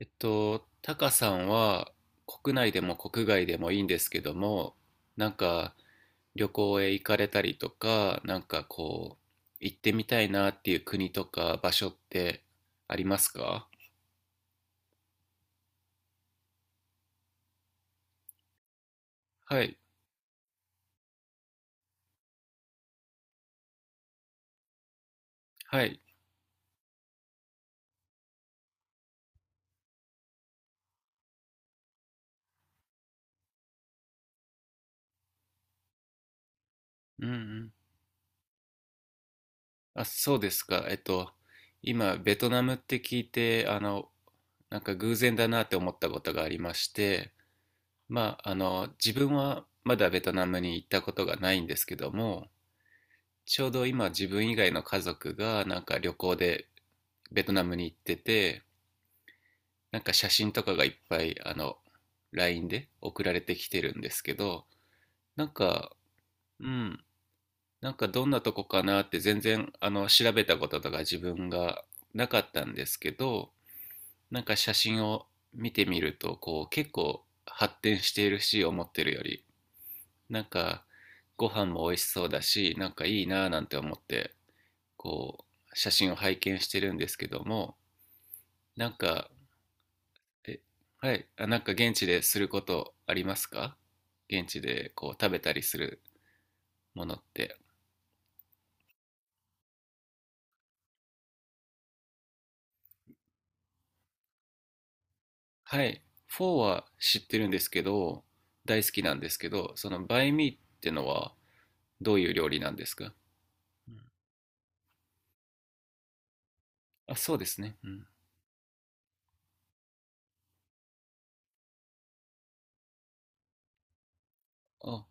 タカさんは国内でも国外でもいいんですけども、なんか旅行へ行かれたりとか、なんかこう、行ってみたいなっていう国とか場所ってありますか？はい、はい。うんうん。あ、そうですか。今、ベトナムって聞いて、なんか偶然だなって思ったことがありまして、まあ、あの、自分はまだベトナムに行ったことがないんですけども、ちょうど今自分以外の家族がなんか旅行でベトナムに行ってて、なんか写真とかがいっぱいLINE で送られてきてるんですけど、なんか、うん、なんかどんなとこかなって全然調べたこととか自分がなかったんですけど、なんか写真を見てみるとこう結構発展しているし、思ってるよりなんかご飯も美味しそうだし、なんかいいなぁなんて思ってこう写真を拝見してるんですけども、なんかえはい、なんか現地ですることありますか？現地でこう食べたりするものって、はい、フォーは知ってるんですけど、大好きなんですけど、そのバインミーってのはどういう料理なんですか？うん、あ、そうですね、うん。あ、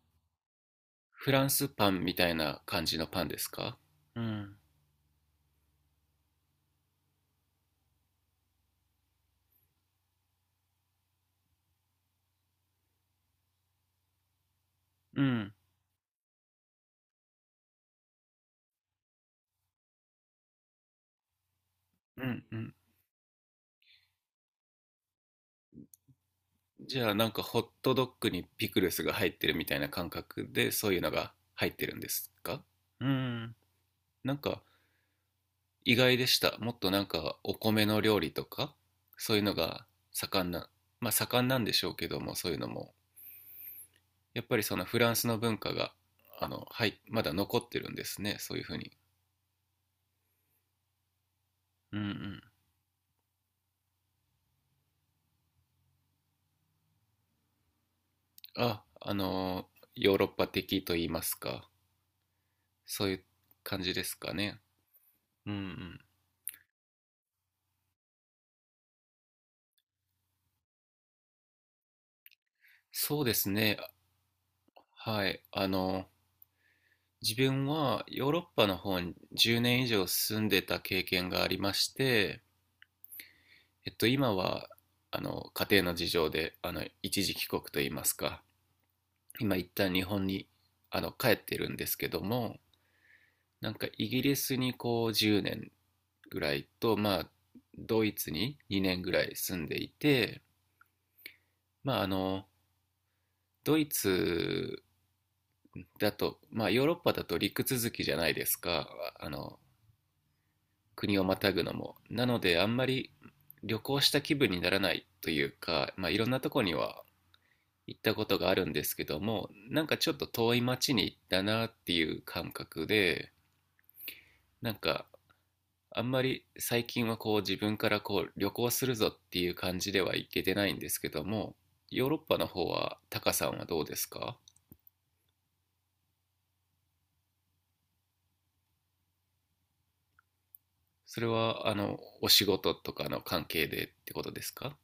フランスパンみたいな感じのパンですか？うんうん。うんうん。じゃあ、なんかホットドッグにピクルスが入ってるみたいな感覚でそういうのが入ってるんですか？うーん。なんか意外でした。もっとなんかお米の料理とか、そういうのが盛んな、まあ盛んなんでしょうけども、そういうのも。やっぱりそのフランスの文化が、あの、はい、まだ残ってるんですね。そういうふうに。うんうん。あ、あのヨーロッパ的と言いますか。そういう感じですかね。うんうん。そうですね。はい。あの、自分はヨーロッパの方に10年以上住んでた経験がありまして、今は家庭の事情で一時帰国といいますか、今一旦日本に帰ってるんですけども、なんかイギリスにこう10年ぐらいと、まあ、ドイツに2年ぐらい住んでいて、まあ、あのドイツだと、まあ、ヨーロッパだと陸続きじゃないですか。あの、国をまたぐのも。なので、あんまり旅行した気分にならないというか、まあ、いろんなとこには行ったことがあるんですけども、なんかちょっと遠い町に行ったなっていう感覚で、なんか、あんまり最近はこう自分からこう旅行するぞっていう感じでは行けてないんですけども、ヨーロッパの方は、タカさんはどうですか？それは、あの、お仕事とかの関係でってことですか？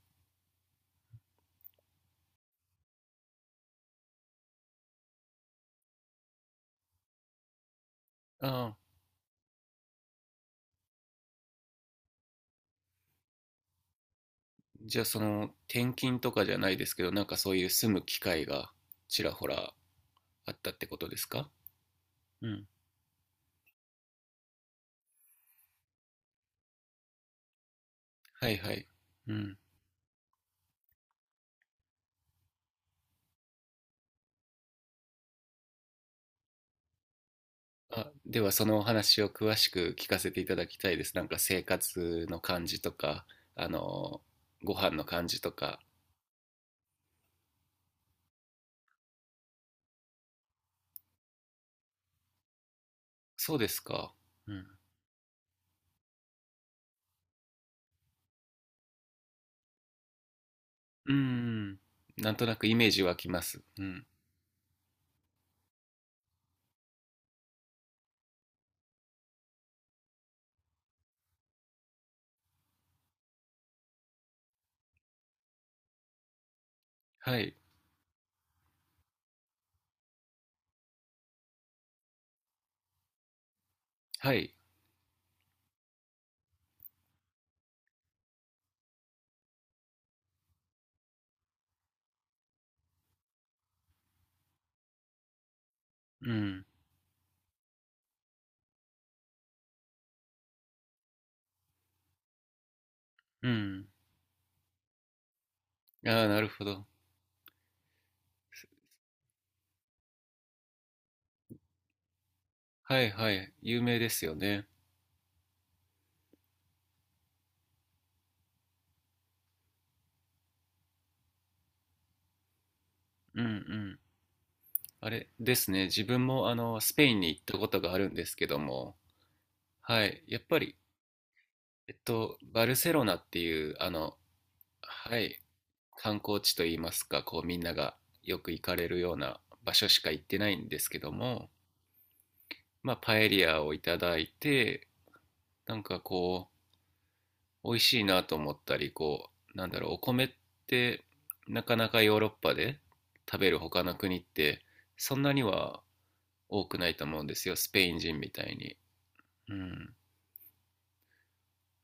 ああ、じゃあ、その転勤とかじゃないですけど、なんかそういう住む機会がちらほらあったってことですか？うん。はいはい。うん。あ、ではそのお話を詳しく聞かせていただきたいです。なんか生活の感じとか、あの、ご飯の感じとか。そうですか。うん。うん。なんとなくイメージ湧きます。うん。はい。はい。うん。うん。ああ、なるほど。はいはい。有名ですよね。うん。あれですね、自分もあのスペインに行ったことがあるんですけども、はい、やっぱり、えっと、バルセロナっていう、あの、はい、観光地といいますか、こうみんながよく行かれるような場所しか行ってないんですけども、まあ、パエリアをいただいて、なんかこう、美味しいなと思ったり、こう、なんだろう、お米ってなかなかヨーロッパで食べる他の国って、そんなには多くないと思うんですよ、スペイン人みたいに。うん。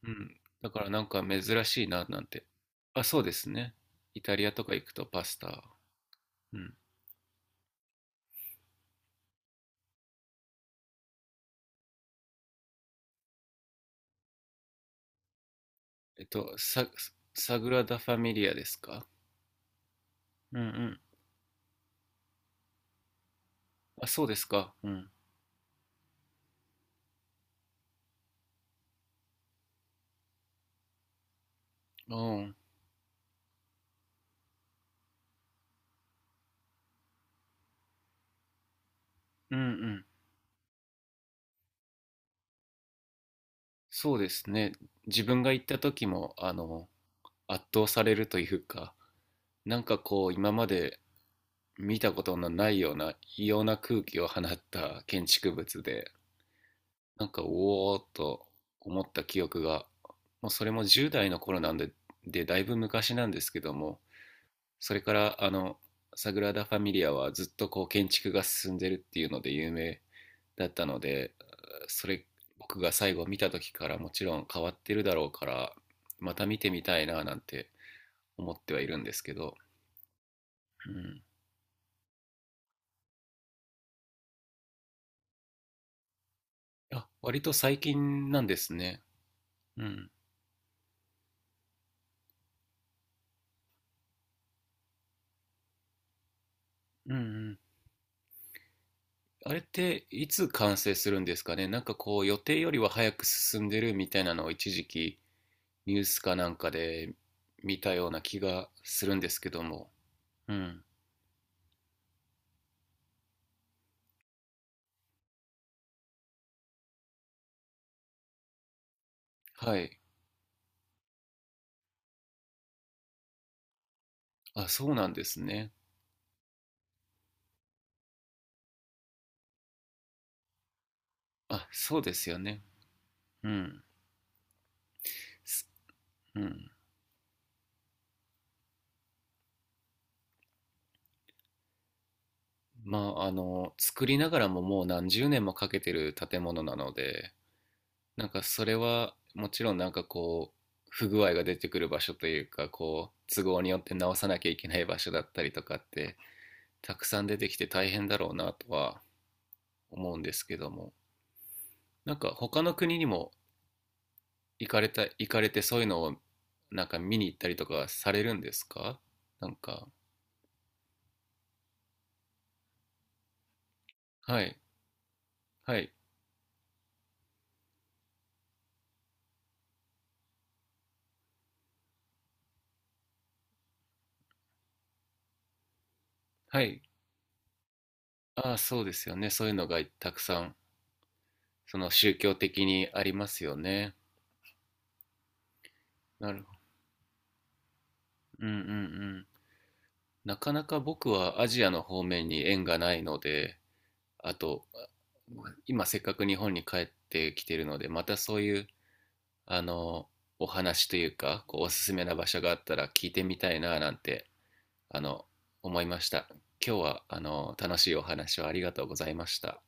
うん。だからなんか珍しいな、なんて。あ、そうですね。イタリアとか行くとパスタ。うん。えっと、サ、サグラダ・ファミリアですか？うんうん。あ、そうですか。うん。うん。うんうん。そうですね。自分が行った時も、あの、圧倒されるというか、なんかこう、今まで見たことのないような異様な空気を放った建築物で、なんか、おおーっと思った記憶が、もうそれも10代の頃なんで、で、だいぶ昔なんですけども、それから、サグラダ・ファミリアはずっとこう建築が進んでるっていうので有名だったので、それ、僕が最後見た時からもちろん変わってるだろうから、また見てみたいななんて思ってはいるんですけど、うん。あ、割と最近なんですね。うん。うんうん。あれっていつ完成するんですかね。なんかこう予定よりは早く進んでるみたいなのを一時期ニュースかなんかで見たような気がするんですけども。うん。はい。あ、そうなんですね。あ、そうですよね。うん。すうん。まあ、あの、作りながらももう何十年もかけてる建物なので、なんかそれはもちろんなんかこう、不具合が出てくる場所というか、こう、都合によって直さなきゃいけない場所だったりとかって、たくさん出てきて大変だろうなとは思うんですけども、なんか他の国にも行かれた、行かれてそういうのをなんか見に行ったりとかされるんですか？なんか、はいはいはい。ああー、そうですよね。そういうのがたくさんその宗教的にありますよね。なるほど。うんうんうん。なかなか僕はアジアの方面に縁がないので、あと、今せっかく日本に帰ってきてるのでまたそういう、あの、お話というか、こうおすすめな場所があったら聞いてみたいななんて、あの、思いました。今日は、あの、楽しいお話をありがとうございました。